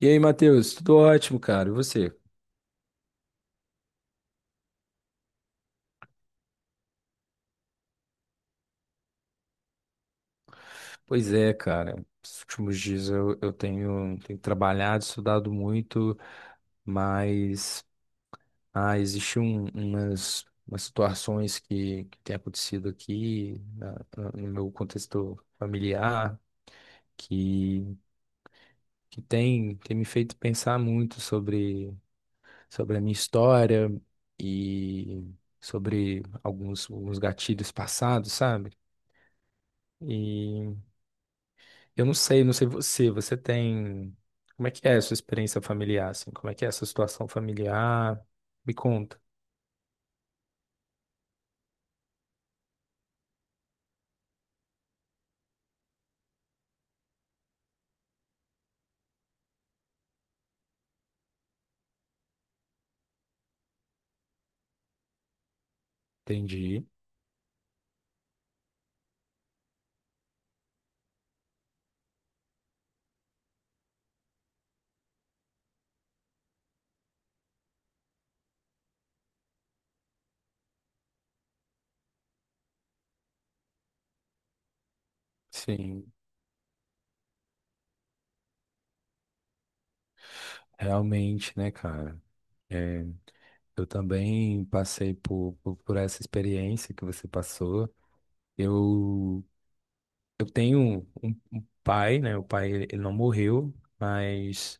E aí, Matheus, tudo ótimo, cara. E você? Pois é, cara. Esses últimos dias eu tenho trabalhado, estudado muito, mas existe umas situações que têm acontecido aqui no meu contexto familiar que, que tem me feito pensar muito sobre a minha história e sobre alguns gatilhos passados, sabe? E Eu não sei você tem. Como é que é a sua experiência familiar, assim? Como é que é a sua situação familiar? Me conta. Entendi. Sim, realmente, né, cara? É, eu também passei por essa experiência que você passou. Eu, eu tenho um pai, né? O pai, ele não morreu, mas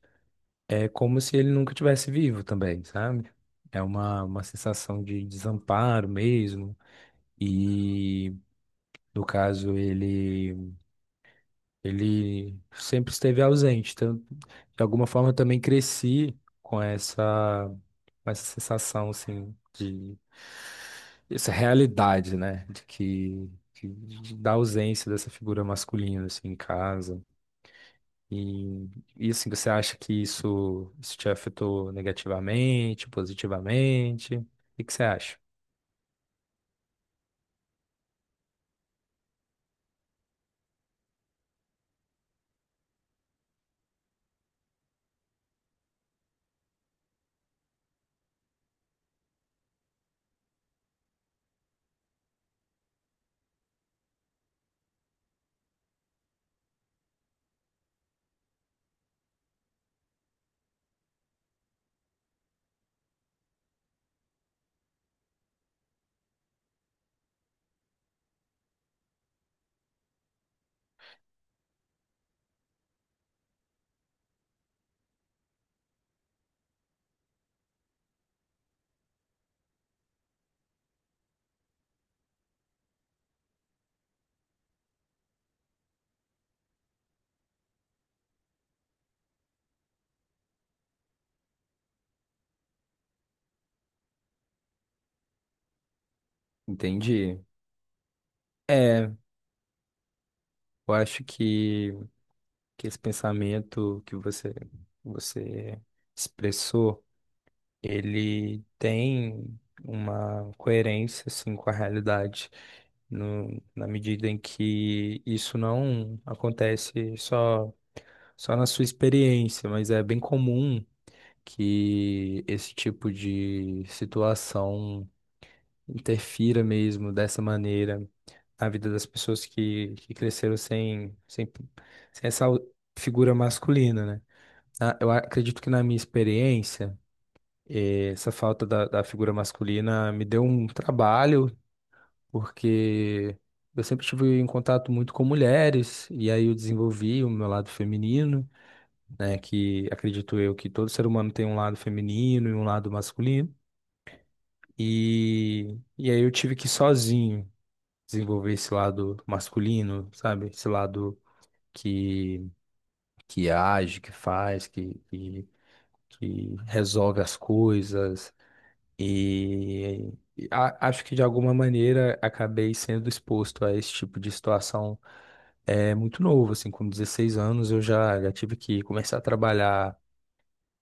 é como se ele nunca tivesse vivo também, sabe? É uma sensação de desamparo mesmo. e No caso, ele sempre esteve ausente. Então, de alguma forma, eu também cresci com essa, com essa sensação, assim, de essa realidade, né? De da ausência dessa figura masculina, assim, em casa. E, e assim, você acha que isso te afetou negativamente, positivamente? O que que você acha? Entendi. É, eu acho que esse pensamento que você expressou, ele tem uma coerência assim com a realidade, no, na medida em que isso não acontece só na sua experiência, mas é bem comum que esse tipo de situação interfira mesmo dessa maneira na vida das pessoas que cresceram sem essa figura masculina, né? Eu acredito que na minha experiência, essa falta da figura masculina me deu um trabalho, porque eu sempre estive em contato muito com mulheres, e aí eu desenvolvi o meu lado feminino, né, que acredito eu que todo ser humano tem um lado feminino e um lado masculino, e aí eu tive que sozinho desenvolver esse lado masculino, sabe? Esse lado que, que age, que faz, que resolve as coisas. E Acho que de alguma maneira acabei sendo exposto a esse tipo de situação muito novo, assim, com 16 anos eu já tive que começar a trabalhar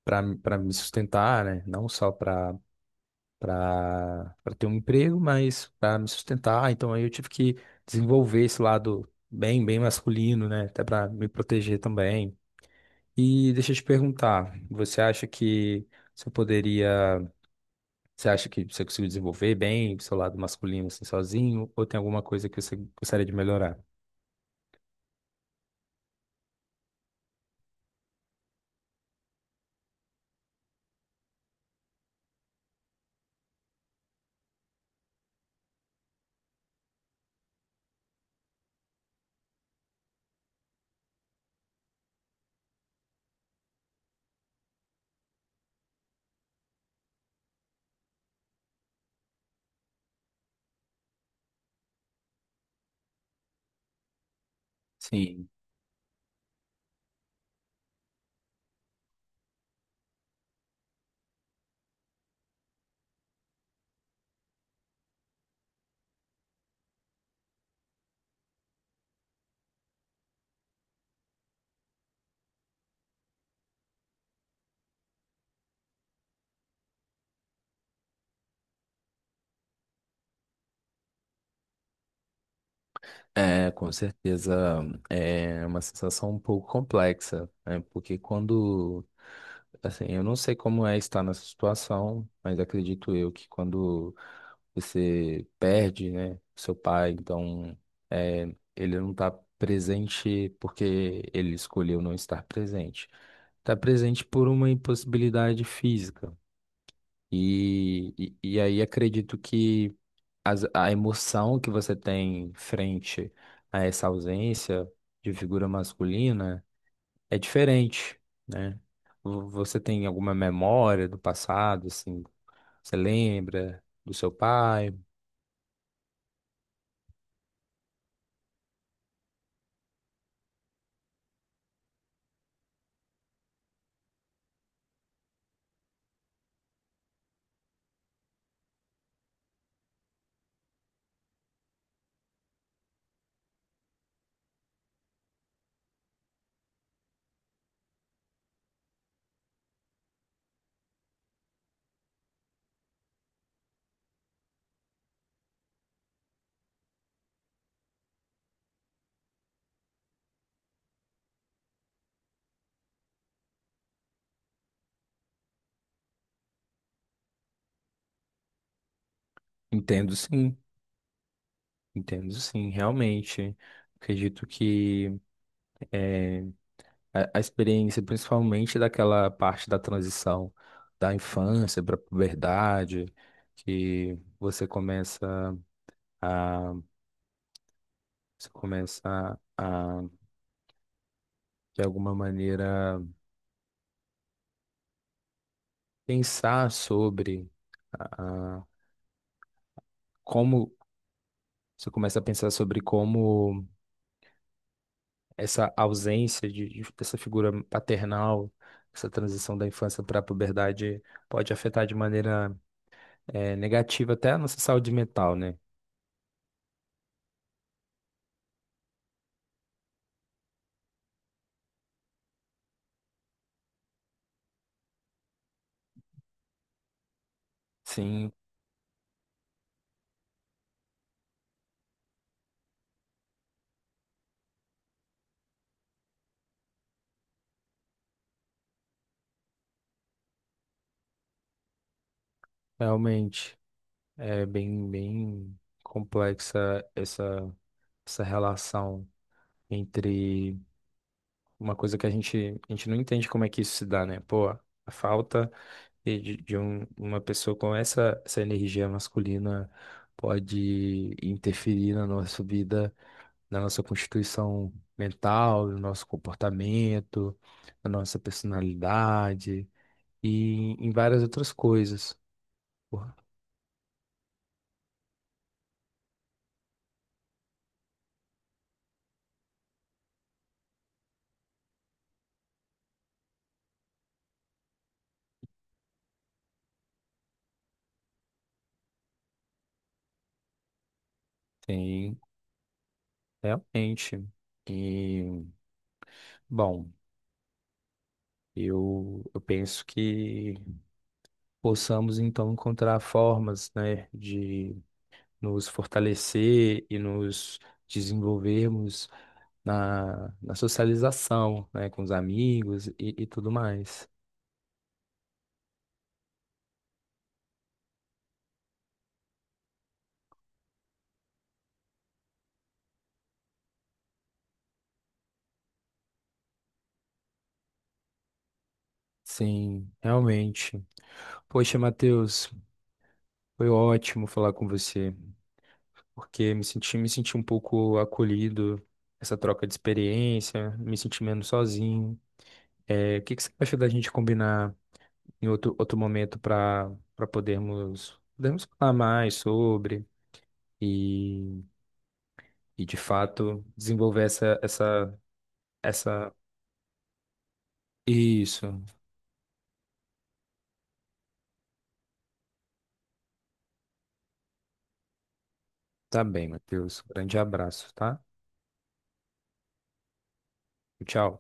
para me sustentar, né? Não só para ter um emprego, mas para me sustentar. Então aí eu tive que desenvolver esse lado bem bem masculino, né? Até para me proteger também. E deixa eu te perguntar, você poderia você acha que você conseguiu desenvolver bem o seu lado masculino assim sozinho? Ou tem alguma coisa que você gostaria de melhorar? Sim, é, com certeza é uma sensação um pouco complexa, né? Porque quando, assim, eu não sei como é estar nessa situação, mas acredito eu que quando você perde, né, seu pai, então ele não está presente porque ele escolheu não estar presente. Está presente por uma impossibilidade física. E, e aí acredito que a emoção que você tem frente a essa ausência de figura masculina é diferente, né? Você tem alguma memória do passado, assim? Você lembra do seu pai? Entendo sim, entendo sim, realmente. Acredito que eh, a experiência, principalmente daquela parte da transição da infância para a puberdade, que a, você começa a, de alguma maneira, pensar sobre a, a- como você começa a pensar sobre como essa ausência dessa figura paternal, essa transição da infância para a puberdade pode afetar de maneira negativa até a nossa saúde mental, né? Sim, realmente. É bem, bem complexa essa relação entre uma coisa que a gente não entende como é que isso se dá, né? Pô, a falta uma pessoa com essa energia masculina pode interferir na nossa vida, na nossa constituição mental, no nosso comportamento, na nossa personalidade e em várias outras coisas. Pô, tem realmente. E, bom. Eu penso que possamos então encontrar formas, né, de nos fortalecer e nos desenvolvermos na socialização, né, com os amigos e tudo mais. Sim, realmente. Poxa, Matheus, foi ótimo falar com você, porque me senti um pouco acolhido, essa troca de experiência, me senti menos sozinho. É, o que que você acha da gente combinar em outro momento para podermos falar mais sobre e, e de fato desenvolver essa. Isso. Tá bem, Matheus. Grande abraço, tá? Tchau.